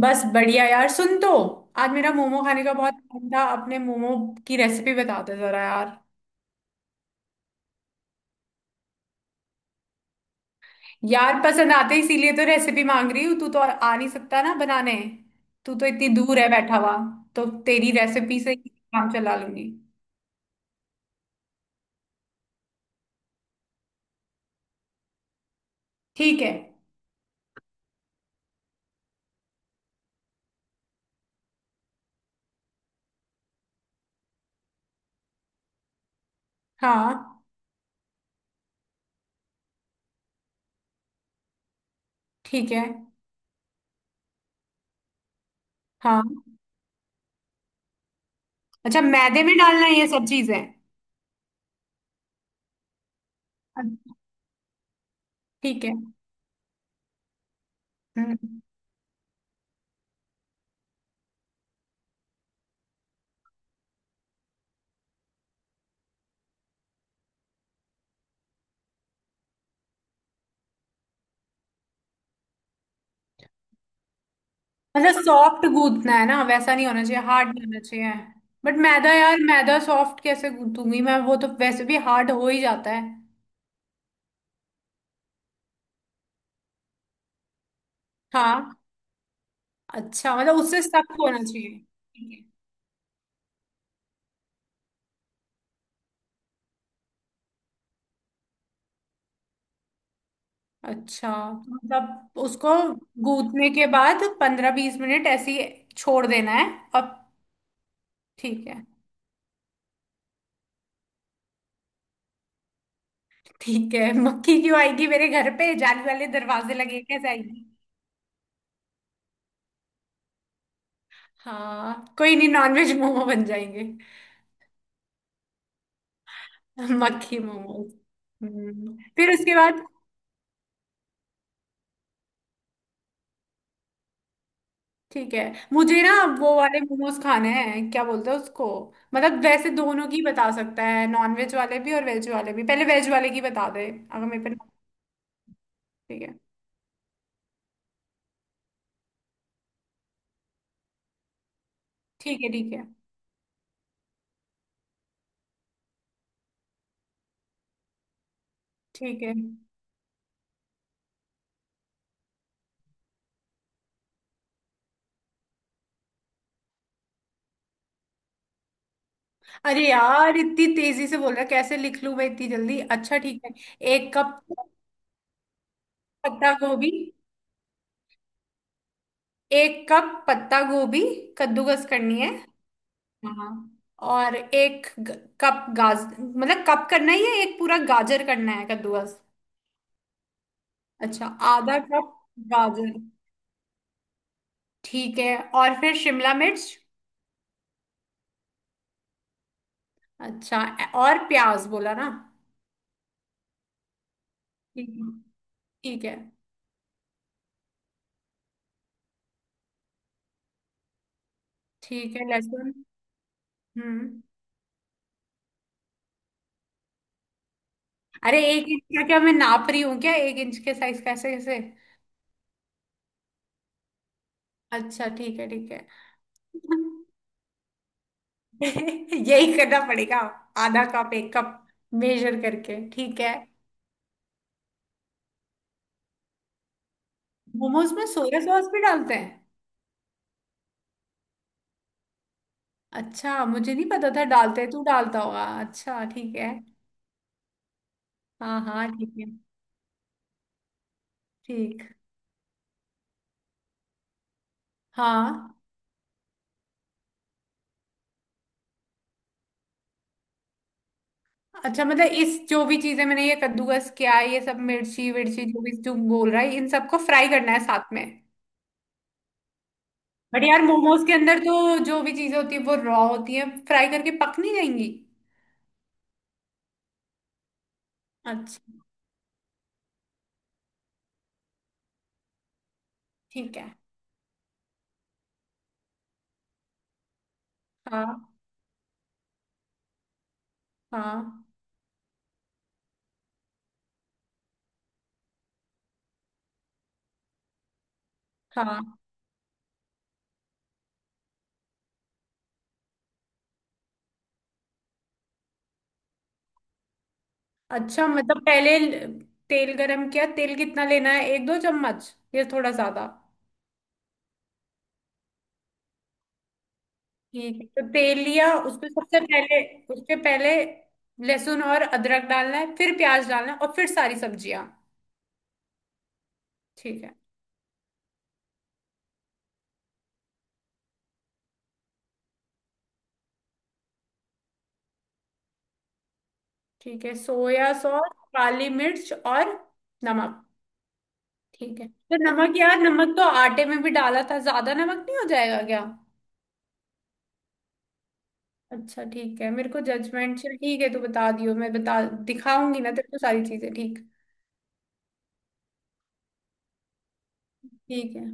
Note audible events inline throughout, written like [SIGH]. बस बढ़िया यार। सुन तो, आज मेरा मोमो खाने का बहुत मन था। अपने मोमो की रेसिपी बता दे जरा यार। यार पसंद आते इसीलिए तो रेसिपी मांग रही हूँ। तू तो और आ नहीं सकता ना बनाने। तू तो इतनी दूर है बैठा हुआ, तो तेरी रेसिपी से ही काम चला लूंगी। ठीक है। हाँ। ठीक है। हाँ। अच्छा, मैदे में डालना है ये सब चीजें? अच्छा। ठीक है। हम्म। मतलब सॉफ्ट गूंथना है ना, वैसा नहीं होना चाहिए, हार्ड नहीं होना चाहिए। बट मैदा यार, मैदा सॉफ्ट कैसे गूंथूंगी मैं? वो तो वैसे भी हार्ड हो ही जाता है। हाँ। अच्छा, मतलब उससे सख्त होना चाहिए। ठीक है। अच्छा, तो मतलब उसको गूंथने के बाद 15-20 मिनट ऐसे ही छोड़ देना है? अब। ठीक है। ठीक है, मक्खी क्यों आएगी मेरे घर पे? जाली वाले दरवाजे लगे, कैसे आएगी? हाँ कोई नहीं, नॉनवेज मोमो बन जाएंगे। मक्खी मोमो। हम्म, फिर उसके बाद? ठीक है। मुझे ना वो वाले मोमोज खाने हैं, क्या बोलते हैं उसको। मतलब वैसे दोनों की बता सकता है, नॉन वेज वाले भी और वेज वाले भी। पहले वेज वाले की बता दे। अगर मेरे पे। ठीक है। ठीक है। ठीक है। ठीक है। अरे यार, इतनी तेजी से बोल रहा है, कैसे लिख लूं मैं इतनी जल्दी? अच्छा, ठीक है। एक कप। पत्ता गोभी एक कप पत्ता गोभी, कद्दूकस करनी है। हाँ। और एक कप गाज मतलब, कप करना ही है? एक पूरा गाजर करना है कद्दूकस? अच्छा, आधा कप गाजर, ठीक है। और फिर शिमला मिर्च? अच्छा। और प्याज बोला ना? ठीक है। ठीक है। ठीक है लहसुन। हम्म। अरे एक इंच का क्या, मैं नाप रही हूँ क्या? एक इंच के साइज कैसे कैसे। अच्छा, ठीक है। ठीक है। [LAUGHS] यही करना पड़ेगा। आधा कप, एक कप, मेजर करके, ठीक है। मोमोज में सोया सॉस भी डालते हैं? अच्छा, मुझे नहीं पता था डालते हैं, तू डालता होगा। अच्छा, ठीक है। हाँ हाँ, ठीक है। ठीक। हाँ। अच्छा, मतलब इस जो भी चीजें मैंने ये कद्दूकस किया, ये सब मिर्ची विर्ची जो भी तू बोल रहा है, इन सबको फ्राई करना है साथ में? बट यार, मोमोज के अंदर तो जो भी चीजें होती है वो रॉ होती है, फ्राई करके पक नहीं जाएंगी? अच्छा। ठीक है। हाँ। हाँ। हाँ। अच्छा, मतलब पहले तेल गरम किया। तेल कितना लेना है, एक दो चम्मच या थोड़ा ज्यादा? ठीक है, तो तेल लिया उसमें सबसे पहले। उसके पहले लहसुन और अदरक डालना है, फिर प्याज डालना है, और फिर सारी सब्जियां? ठीक है। ठीक है, सोया सॉस। काली मिर्च और नमक। ठीक है, तो नमक यार, नमक तो आटे में भी डाला था, ज्यादा नमक नहीं हो जाएगा क्या? अच्छा, ठीक है, मेरे को जजमेंट। चल ठीक है, तू बता दियो, मैं बता दिखाऊंगी ना तेरे को सारी चीजें। ठीक। ठीक है।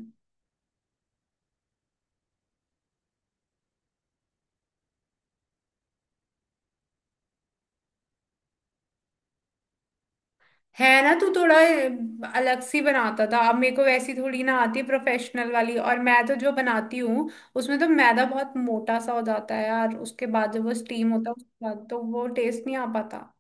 है ना तू थोड़ा अलग सी बनाता था, अब मेरे को वैसी थोड़ी ना आती प्रोफेशनल वाली। और मैं तो जो बनाती हूँ उसमें तो मैदा बहुत मोटा सा हो जाता है यार, उसके बाद जब वो स्टीम होता है उसके बाद तो वो टेस्ट नहीं आ पाता।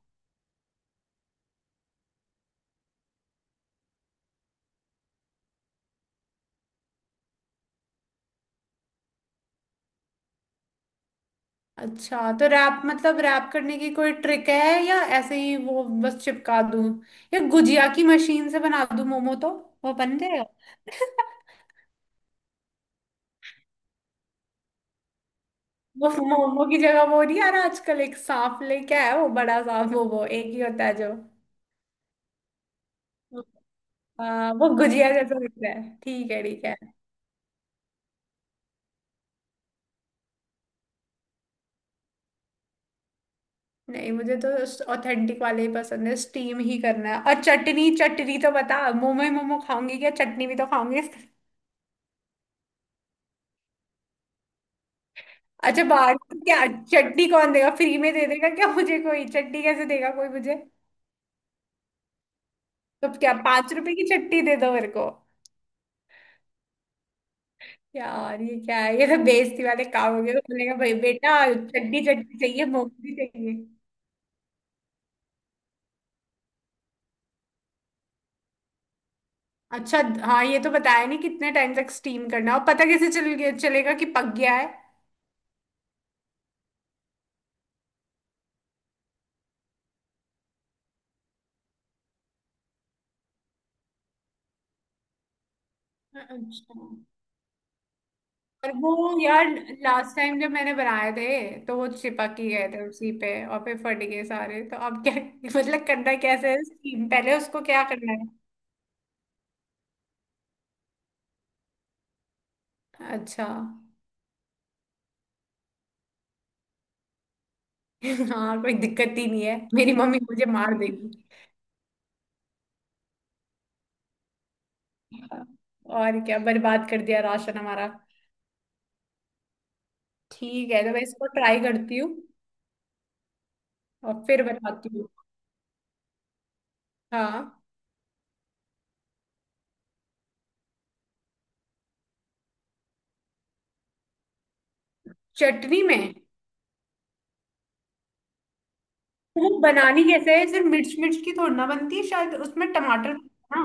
अच्छा, तो रैप मतलब रैप करने की कोई ट्रिक है? या ऐसे ही वो बस चिपका दूं? या गुजिया की मशीन से बना दूं मोमो तो वो बन जाएगा? [LAUGHS] वो मोमो की जगह वो नहीं आ रहा आजकल, एक सांप लेके आया, वो बड़ा सांप, वो एक ही होता है जो। वो गुजिया जैसा दिखता है। ठीक है, ठीक है। नहीं मुझे तो ऑथेंटिक वाले ही पसंद है, स्टीम ही करना है। और चटनी, चटनी तो बता, मोमो ही मोमो खाऊंगी क्या, चटनी भी तो खाऊंगी। अच्छा बाटी क्या, चटनी कौन देगा? फ्री में दे देगा क्या मुझे कोई? चटनी कैसे देगा कोई मुझे? तो क्या 5 रुपए की चटनी दे दो मेरे को? यार ये क्या है, ये सब बेइज्जती वाले काम हो गए। तो मैंने कहा भाई, बेटा चटनी, चटनी चाहिए, मोमोज चाहिए। अच्छा। हाँ, ये तो बताया नहीं कितने टाइम तक स्टीम करना है। और पता कैसे चल गया चलेगा कि पक गया है? अच्छा। और वो यार लास्ट टाइम जब मैंने बनाए थे तो वो चिपक ही गए थे उसी पे, और फिर फट गए सारे। तो अब क्या, [LAUGHS] मतलब करना कैसे है स्कीम? पहले उसको क्या करना है? अच्छा। [LAUGHS] हाँ कोई दिक्कत ही नहीं है, मेरी मम्मी मुझे मार देगी। और क्या, बर्बाद कर दिया राशन हमारा। ठीक है, तो मैं इसको ट्राई करती हूँ और फिर बताती हूँ। हाँ। चटनी में। वो बनानी कैसे है? सिर्फ मिर्च मिर्च की थोड़ी ना बनती है, शायद उसमें टमाटर ना।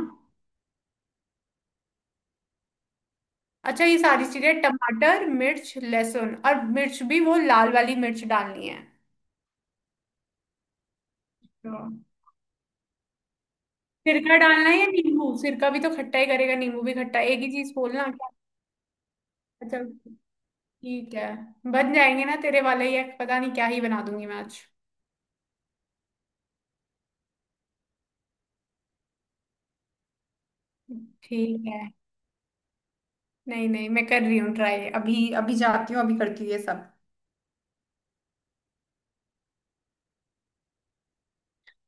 अच्छा, ये सारी चीजें टमाटर मिर्च लहसुन, और मिर्च भी वो लाल वाली मिर्च डालनी है? तो सिरका डालना है या नींबू? सिरका भी तो खट्टा ही करेगा, नींबू भी खट्टा, एक ही चीज, बोलना क्या? अच्छा, ठीक है। बन जाएंगे ना तेरे वाले? ये पता नहीं क्या ही बना दूंगी मैं आज। ठीक है। नहीं नहीं, मैं कर रही हूँ ट्राई, अभी अभी जाती हूँ, अभी करती हूँ ये सब।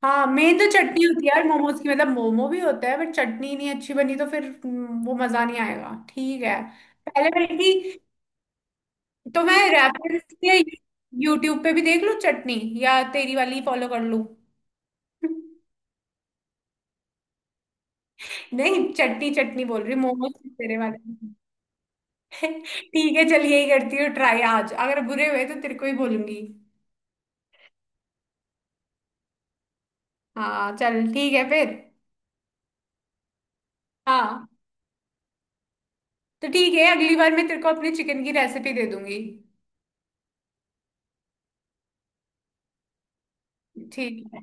हाँ मेन तो चटनी होती है यार मोमोज की, मतलब मोमो भी होता है बट चटनी नहीं अच्छी बनी तो फिर वो मजा नहीं आएगा। ठीक है। पहले बल्कि तो मैं रेफरेंस के यूट्यूब पे भी देख लूं चटनी, या तेरी वाली फॉलो कर लूं? नहीं, चटनी चटनी बोल रही हूँ, मोमोज तेरे वाले। ठीक है चल, यही करती हूँ ट्राई आज। अगर बुरे हुए तो तेरे को ही बोलूंगी। हाँ चल, ठीक है फिर। हाँ। तो ठीक है, अगली बार मैं तेरे को अपने चिकन की रेसिपी दे दूंगी। ठीक है।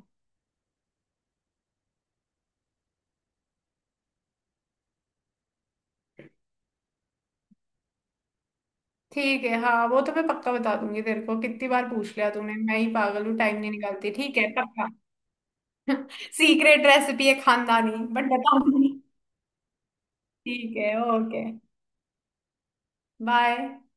ठीक है हाँ, वो तो मैं पक्का बता दूंगी तेरे को, कितनी बार पूछ लिया तूने, मैं ही पागल हूँ टाइम नहीं निकालती। ठीक है पक्का। [LAUGHS] सीक्रेट रेसिपी है खानदानी, बट बताऊंगी। ठीक है, ओके। बाय।